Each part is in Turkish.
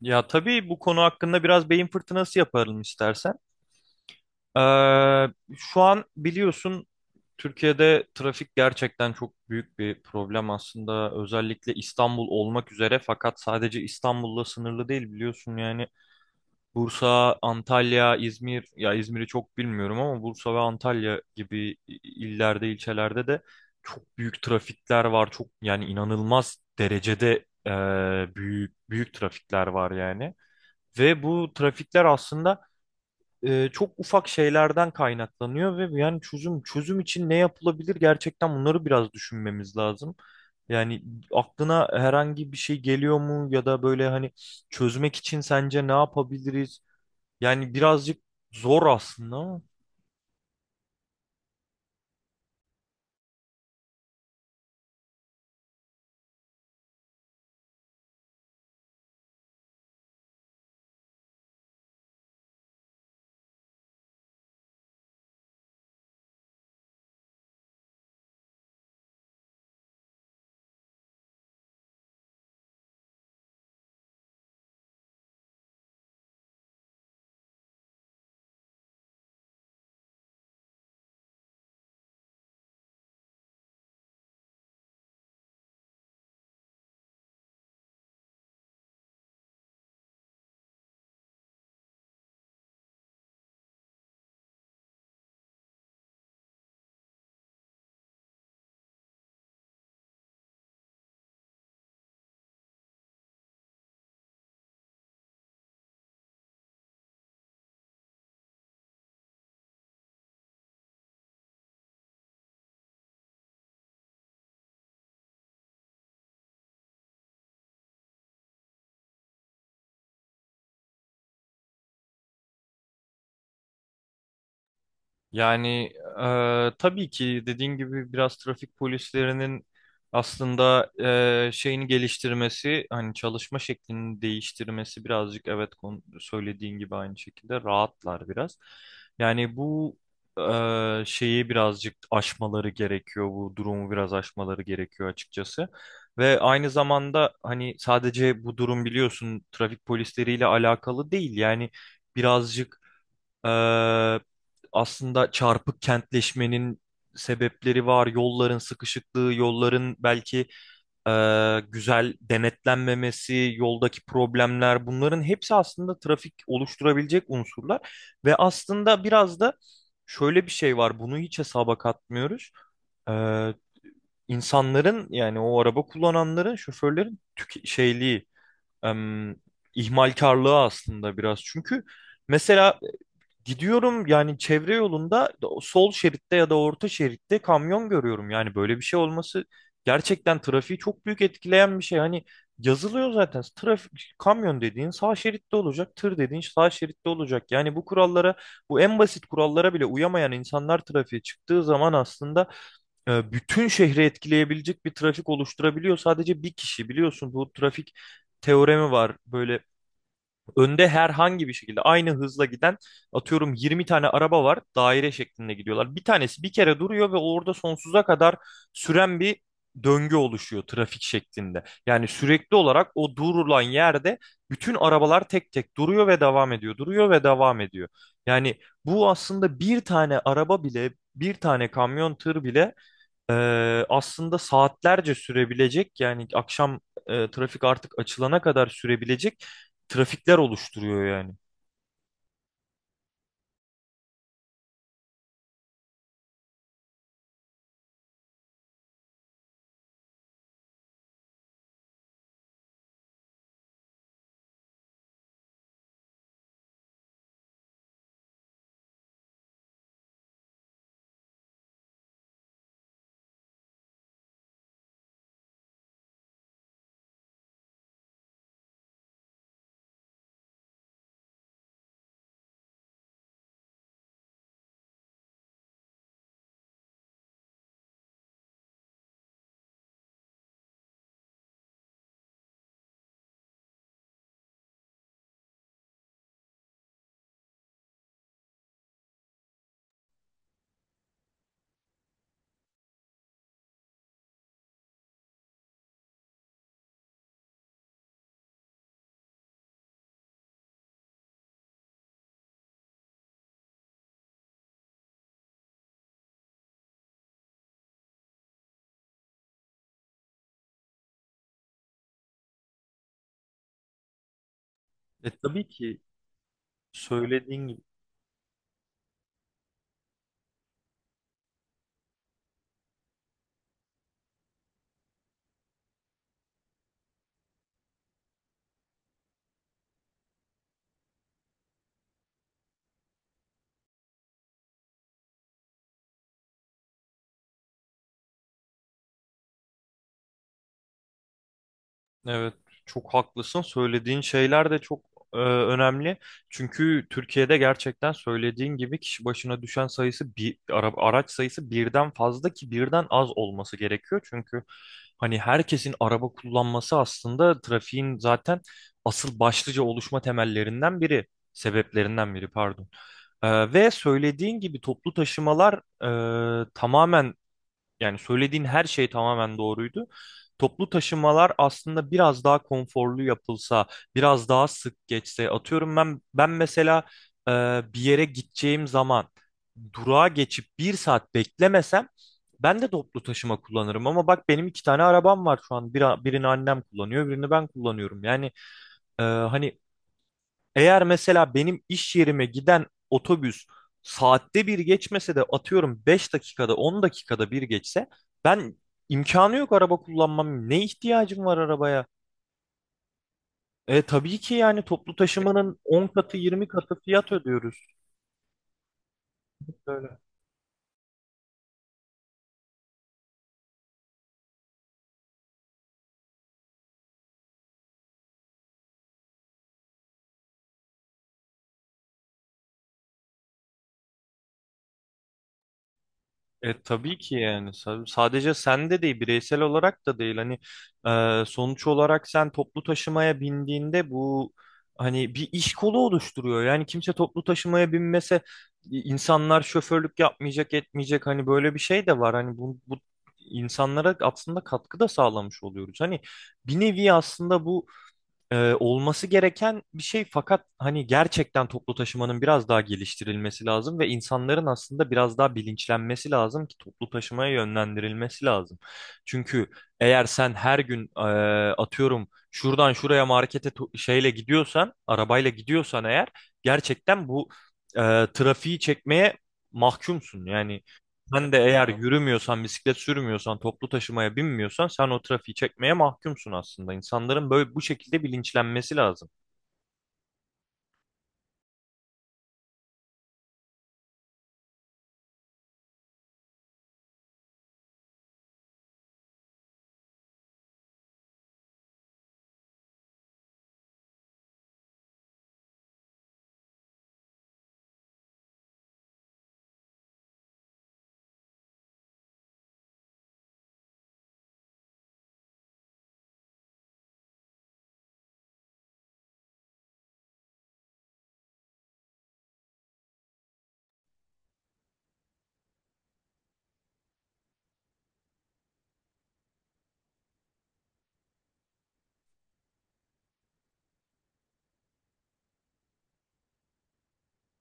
Ya tabii bu konu hakkında biraz beyin fırtınası yapalım istersen. Ee, Şu an biliyorsun Türkiye'de trafik gerçekten çok büyük bir problem aslında. Özellikle İstanbul olmak üzere, fakat sadece İstanbul'la sınırlı değil biliyorsun yani. Bursa, Antalya, İzmir, ya İzmir'i çok bilmiyorum ama Bursa ve Antalya gibi illerde, ilçelerde de çok büyük trafikler var. Çok, yani inanılmaz derecede büyük büyük trafikler var yani. Ve bu trafikler aslında çok ufak şeylerden kaynaklanıyor ve yani çözüm için ne yapılabilir, gerçekten bunları biraz düşünmemiz lazım. Yani aklına herhangi bir şey geliyor mu ya da böyle hani çözmek için sence ne yapabiliriz? Yani birazcık zor aslında ama. Yani tabii ki dediğin gibi biraz trafik polislerinin aslında şeyini geliştirmesi, hani çalışma şeklini değiştirmesi birazcık, evet, söylediğin gibi aynı şekilde rahatlar biraz. Yani bu şeyi birazcık aşmaları gerekiyor, bu durumu biraz aşmaları gerekiyor açıkçası. Ve aynı zamanda hani sadece bu durum biliyorsun trafik polisleriyle alakalı değil yani, birazcık ee, aslında çarpık kentleşmenin sebepleri var. Yolların sıkışıklığı, yolların belki e, güzel denetlenmemesi, yoldaki problemler, bunların hepsi aslında trafik oluşturabilecek unsurlar. Ve aslında biraz da şöyle bir şey var. Bunu hiç hesaba katmıyoruz. Ee, insanların yani, o araba kullananların, şoförlerin şeyliği, em, ihmalkarlığı aslında biraz. Çünkü mesela gidiyorum yani çevre yolunda, o sol şeritte ya da orta şeritte kamyon görüyorum. Yani böyle bir şey olması gerçekten trafiği çok büyük etkileyen bir şey. Hani yazılıyor zaten trafik, kamyon dediğin sağ şeritte olacak, tır dediğin sağ şeritte olacak. Yani bu kurallara, bu en basit kurallara bile uyamayan insanlar trafiğe çıktığı zaman aslında bütün şehri etkileyebilecek bir trafik oluşturabiliyor. Sadece bir kişi. Biliyorsun, bu trafik teoremi var. Böyle önde herhangi bir şekilde aynı hızla giden, atıyorum, 20 tane araba var, daire şeklinde gidiyorlar. Bir tanesi bir kere duruyor ve orada sonsuza kadar süren bir döngü oluşuyor trafik şeklinde. Yani sürekli olarak o durulan yerde bütün arabalar tek tek duruyor ve devam ediyor, duruyor ve devam ediyor. Yani bu aslında bir tane araba bile, bir tane kamyon, tır bile aslında saatlerce sürebilecek, yani akşam trafik artık açılana kadar sürebilecek trafikler oluşturuyor yani. Tabii ki söylediğin gibi. Evet, çok haklısın. Söylediğin şeyler de çok önemli. Çünkü Türkiye'de gerçekten söylediğin gibi kişi başına düşen sayısı, bir araç sayısı birden fazla, ki birden az olması gerekiyor. Çünkü hani herkesin araba kullanması aslında trafiğin zaten asıl başlıca oluşma temellerinden biri, sebeplerinden biri pardon. Ve söylediğin gibi toplu taşımalar tamamen, yani söylediğin her şey tamamen doğruydu. Toplu taşımalar aslında biraz daha konforlu yapılsa, biraz daha sık geçse. Atıyorum, ben mesela e, bir yere gideceğim zaman durağa geçip bir saat beklemesem ben de toplu taşıma kullanırım. Ama bak, benim iki tane arabam var şu an. Birini annem kullanıyor, birini ben kullanıyorum. Yani hani eğer mesela benim iş yerime giden otobüs saatte bir geçmese de, atıyorum, 5 dakikada, 10 dakikada bir geçse, ben imkanı yok araba kullanmam. Ne ihtiyacım var arabaya? Tabii ki yani toplu taşımanın 10 katı, 20 katı fiyat ödüyoruz. Tabii ki yani sadece sende değil, bireysel olarak da değil hani sonuç olarak sen toplu taşımaya bindiğinde bu hani bir iş kolu oluşturuyor. Yani kimse toplu taşımaya binmese insanlar şoförlük yapmayacak, etmeyecek. Hani böyle bir şey de var, hani bu insanlara aslında katkı da sağlamış oluyoruz. Hani bir nevi aslında bu olması gereken bir şey, fakat hani gerçekten toplu taşımanın biraz daha geliştirilmesi lazım ve insanların aslında biraz daha bilinçlenmesi lazım ki toplu taşımaya yönlendirilmesi lazım. Çünkü eğer sen her gün atıyorum şuradan şuraya markete şeyle gidiyorsan, arabayla gidiyorsan eğer, gerçekten bu e, trafiği çekmeye mahkumsun. Yani sen de eğer yürümüyorsan, bisiklet sürmüyorsan, toplu taşımaya binmiyorsan, sen o trafiği çekmeye mahkumsun aslında. İnsanların böyle bu şekilde bilinçlenmesi lazım.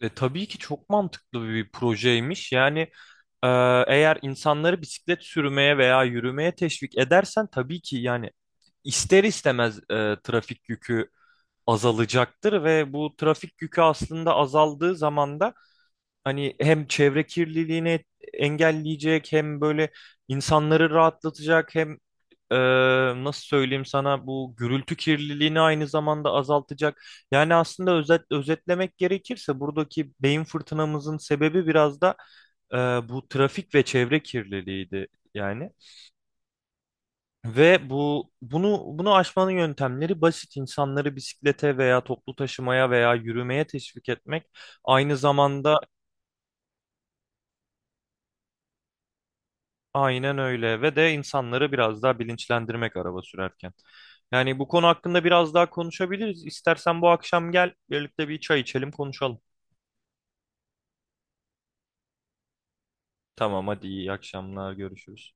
Tabii ki çok mantıklı bir projeymiş. Yani e, eğer insanları bisiklet sürmeye veya yürümeye teşvik edersen tabii ki yani ister istemez trafik yükü azalacaktır ve bu trafik yükü aslında azaldığı zaman da hani hem çevre kirliliğini engelleyecek, hem böyle insanları rahatlatacak, hem Ee, nasıl söyleyeyim sana, bu gürültü kirliliğini aynı zamanda azaltacak. Yani aslında özetlemek gerekirse buradaki beyin fırtınamızın sebebi biraz da e, bu trafik ve çevre kirliliğiydi yani. Ve bu bunu bunu aşmanın yöntemleri basit: insanları bisiklete veya toplu taşımaya veya yürümeye teşvik etmek. Aynı zamanda aynen öyle, ve de insanları biraz daha bilinçlendirmek araba sürerken. Yani bu konu hakkında biraz daha konuşabiliriz. İstersen bu akşam gel, birlikte bir çay içelim, konuşalım. Tamam, hadi, iyi akşamlar, görüşürüz.